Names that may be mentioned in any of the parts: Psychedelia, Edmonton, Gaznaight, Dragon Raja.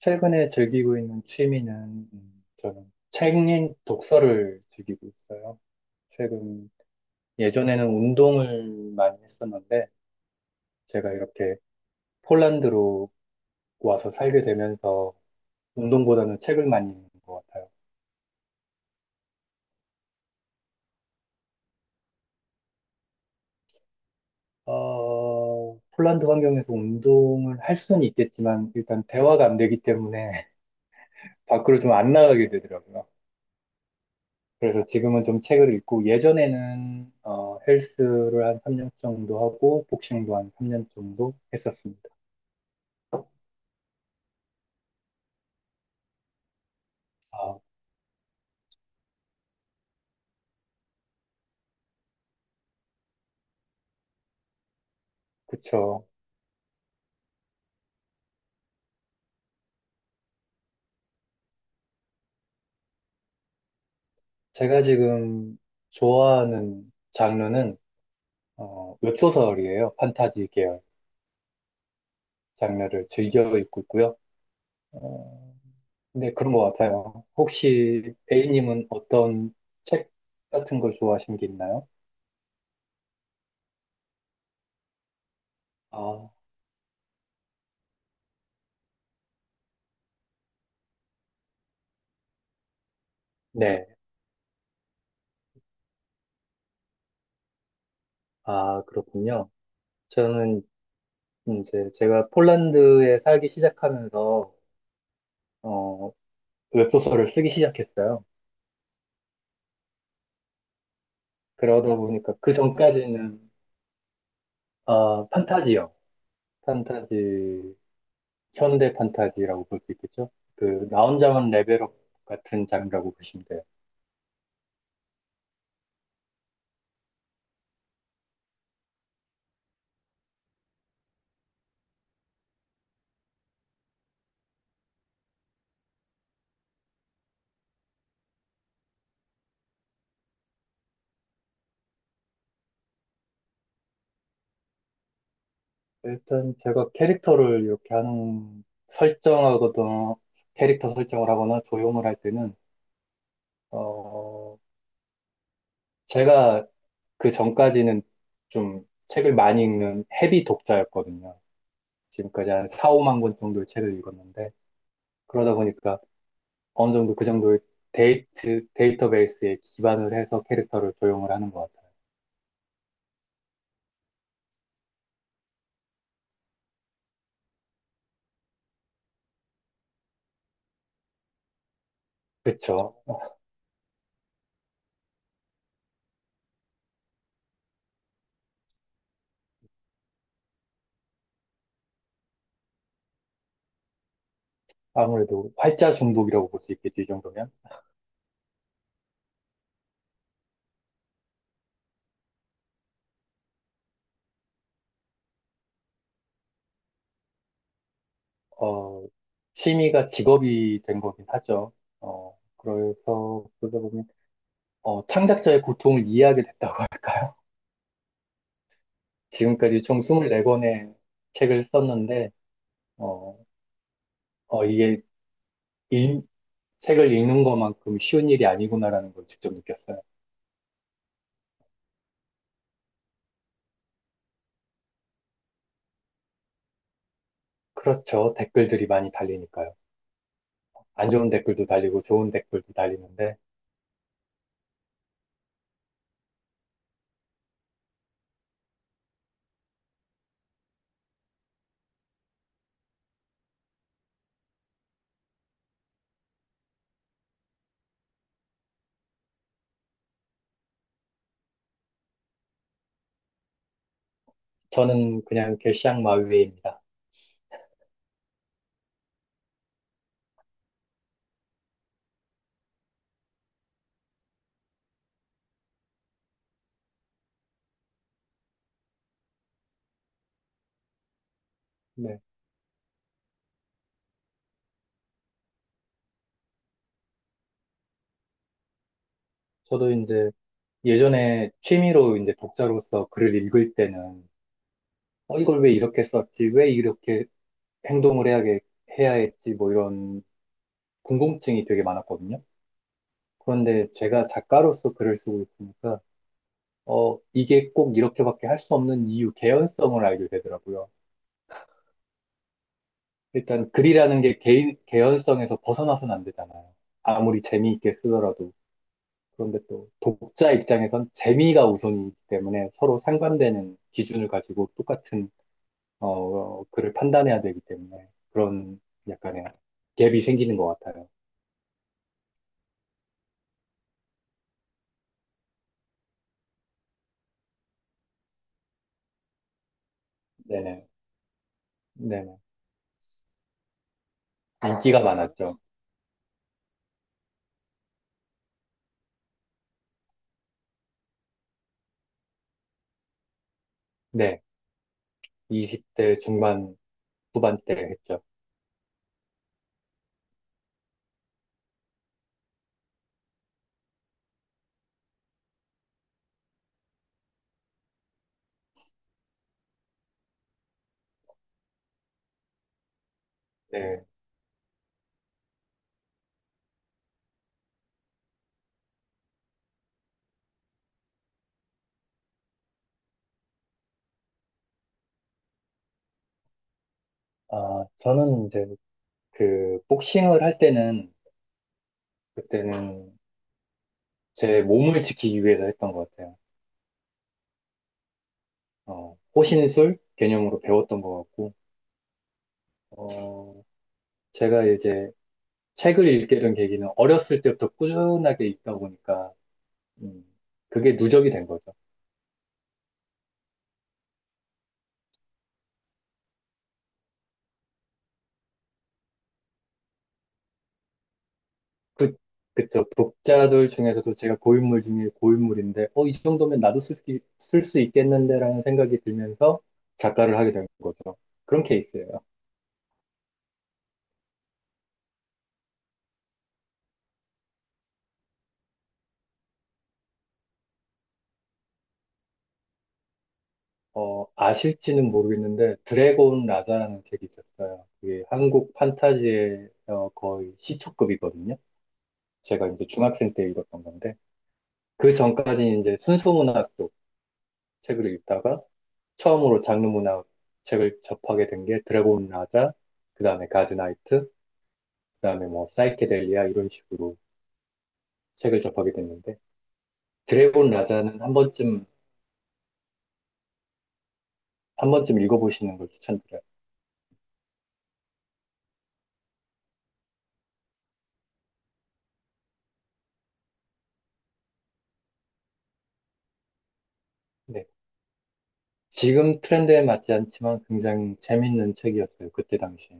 최근에 즐기고 있는 취미는 저는 책 읽 독서를 즐기고 있어요. 최근 예전에는 운동을 많이 했었는데 제가 이렇게 폴란드로 와서 살게 되면서 운동보다는 책을 많이 읽는 것 같아요. 폴란드 환경에서 운동을 할 수는 있겠지만 일단 대화가 안 되기 때문에 밖으로 좀 안 나가게 되더라고요. 그래서 지금은 좀 책을 읽고 예전에는 헬스를 한 3년 정도 하고 복싱도 한 3년 정도 했었습니다. 아, 그쵸. 제가 지금 좋아하는 장르는 웹소설이에요. 판타지 계열 장르를 즐겨 읽고 있고요. 어, 근데 그런 것 같아요. 혹시 A님은 어떤 책 같은 걸 좋아하시는 게 있나요? 아, 네. 아, 그렇군요. 저는 이제 제가 폴란드에 살기 시작하면서 어, 웹소설을 쓰기 시작했어요. 그러다 보니까 그 전까지는 아, 판타지요. 판타지, 현대 판타지라고 볼 수 있겠죠? 그, 나 혼자만 레벨업 같은 장르라고 보시면 돼요. 일단 제가 설정하거나, 캐릭터 설정을 하거나 조용을 할 때는, 어, 제가 그 전까지는 좀 책을 많이 읽는 헤비 독자였거든요. 지금까지 한 4, 5만 권 정도의 책을 읽었는데, 그러다 보니까 어느 정도 그 정도의 데이터베이스에 기반을 해서 캐릭터를 조형을 하는 것 같아요. 그쵸. 아무래도 활자 중독이라고 볼 수 있겠죠, 이 정도면. 어, 취미가 직업이 된 거긴 하죠. 그래서 그러다 보면, 창작자의 고통을 이해하게 됐다고 할까요? 지금까지 총 24권의 책을 썼는데, 어, 이게 일- 책을 읽는 것만큼 쉬운 일이 아니구나라는 걸 직접 느꼈어요. 그렇죠. 댓글들이 많이 달리니까요. 안 좋은 댓글도 달리고 좋은 댓글도 달리는데 저는 그냥 결시양마위입니다. 네. 저도 이제 예전에 취미로 이제 독자로서 글을 읽을 때는 이걸 왜 이렇게 썼지? 왜 이렇게 행동을 해야, 해야 했지? 뭐 이런 궁금증이 되게 많았거든요. 그런데 제가 작가로서 글을 쓰고 있으니까 이게 꼭 이렇게밖에 할 수 없는 이유, 개연성을 알게 되더라고요. 일단 글이라는 게 개연성에서 벗어나서는 안 되잖아요. 아무리 재미있게 쓰더라도. 그런데 또 독자 입장에선 재미가 우선이기 때문에 서로 상반되는 기준을 가지고 똑같은 글을 판단해야 되기 때문에 그런 약간의 갭이 생기는 것 같아요. 네네. 네네. 인기가 많았죠. 네. 20대 중반, 후반때 했죠. 네. 아, 저는 이제 그 복싱을 할 때는 그때는 제 몸을 지키기 위해서 했던 것 같아요. 호신술 개념으로 배웠던 것 같고, 어, 제가 이제 책을 읽게 된 계기는 어렸을 때부터 꾸준하게 읽다 보니까, 음, 그게 누적이 된 거죠. 그, 그쵸. 독자들 중에서도 제가 고인물 중에 고인물인데, 이 정도면 나도 쓸수 있겠는데라는 생각이 들면서 작가를 하게 된 거죠. 그런 케이스예요. 아실지는 모르겠는데, 드래곤 라자라는 책이 있었어요. 그게 한국 판타지의 거의 시초급이거든요. 제가 이제 중학생 때 읽었던 건데, 그 전까지 이제 순수문학 쪽 책을 읽다가, 처음으로 장르 문학 책을 접하게 된 게 드래곤 라자, 그 다음에 가즈나이트, 그 다음에 뭐 사이케델리아 이런 식으로 책을 접하게 됐는데 드래곤 라자는 한 번쯤 읽어보시는 걸 추천드려요. 네. 지금 트렌드에 맞지 않지만 굉장히 재밌는 책이었어요. 그때 당시에.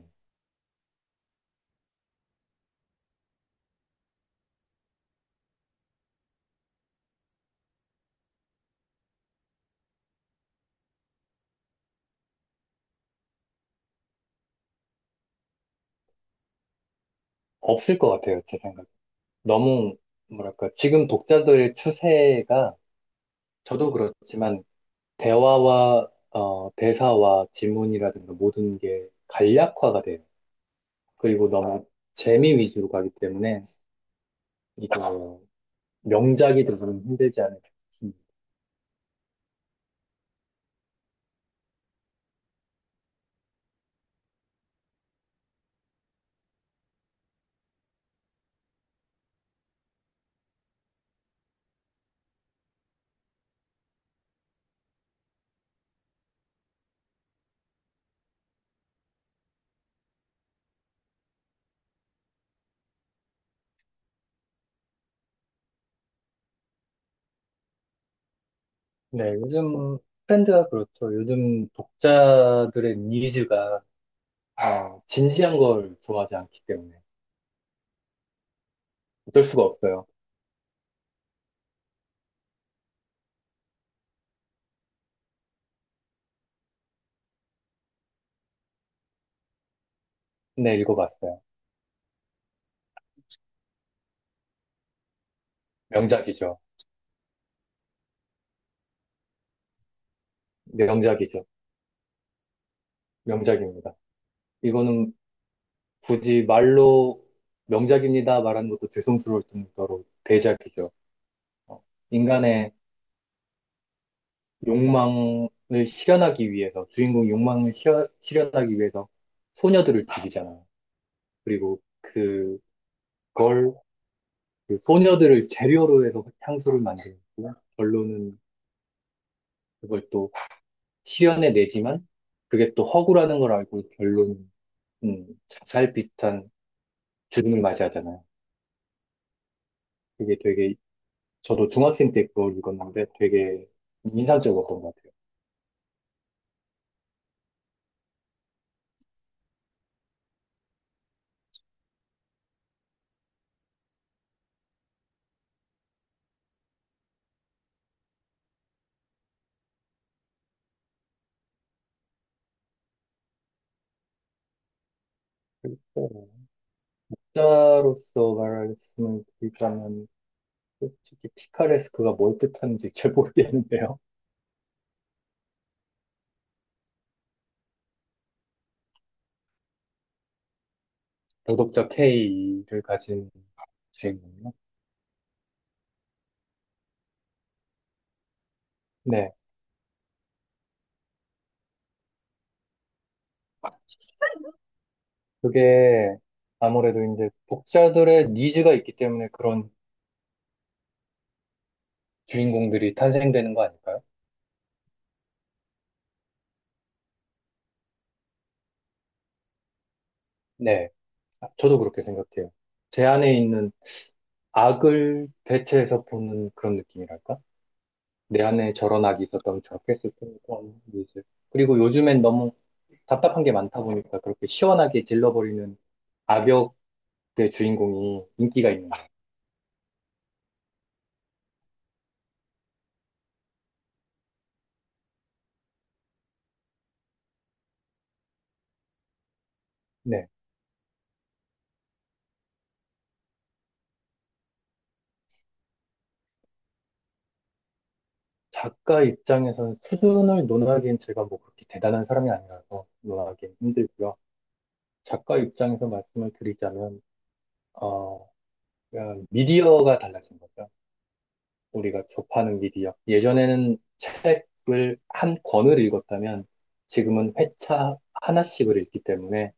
없을 것 같아요, 제 생각에. 너무 뭐랄까 지금 독자들의 추세가 저도 그렇지만 대사와 지문이라든가 모든 게 간략화가 돼요. 그리고 너무 재미 위주로 가기 때문에 이거 명작이 되기는 힘들지 않을까 싶습니다. 네, 요즘 트렌드가 그렇죠. 요즘 독자들의 니즈가 아, 진지한 걸 좋아하지 않기 때문에 어쩔 수가 없어요. 네, 읽어봤어요. 명작이죠. 명작이죠. 명작입니다. 이거는 굳이 말로 명작입니다 말하는 것도 죄송스러울 정도로 대작이죠. 어, 인간의 욕망을 주인공 욕망을 시 실현하기 위해서 소녀들을 죽이잖아. 그리고 그 소녀들을 재료로 해서 향수를 만들고, 결론은 그걸 또 실현해 내지만, 그게 또 허구라는 걸 알고 결론, 자살 비슷한 죽음을 맞이하잖아요. 그게 되게, 저도 중학생 때 그걸 읽었는데 되게 인상적이었던 것 같아요. 어, 작자로서 말씀을 드리자면, 솔직히 피카레스크가 뭘 뜻하는지 잘 모르겠는데요. 도덕적 K를 가진 주인공이요. 네, 그게 아무래도 이제 독자들의 니즈가 있기 때문에 그런 주인공들이 탄생되는 거 아닐까요? 네, 저도 그렇게 생각해요. 제 안에 있는 악을 대체해서 보는 그런 느낌이랄까? 내 안에 저런 악이 있었다면 저렇게 했을 거고, 이제. 그리고 요즘엔 너무 답답한 게 많다 보니까 그렇게 시원하게 질러버리는 악역 내 주인공이 인기가 있는 거예요. 네. 작가 입장에서는 수준을 논하기엔 제가 뭐 그렇게 대단한 사람이 아니라서 논하기엔 힘들고요. 작가 입장에서 말씀을 드리자면, 어, 그냥 미디어가 달라진 거죠. 우리가 접하는 미디어. 예전에는 책을 한 권을 읽었다면 지금은 회차 하나씩을 읽기 때문에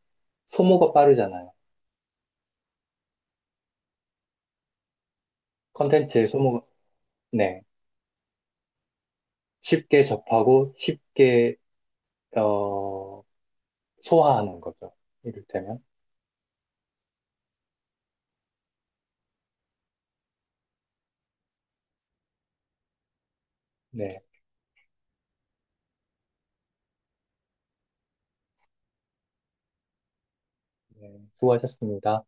소모가 빠르잖아요. 컨텐츠의 소모가, 네. 쉽게 접하고 쉽게, 어, 소화하는 거죠. 이를테면. 네, 네, 수고하셨습니다.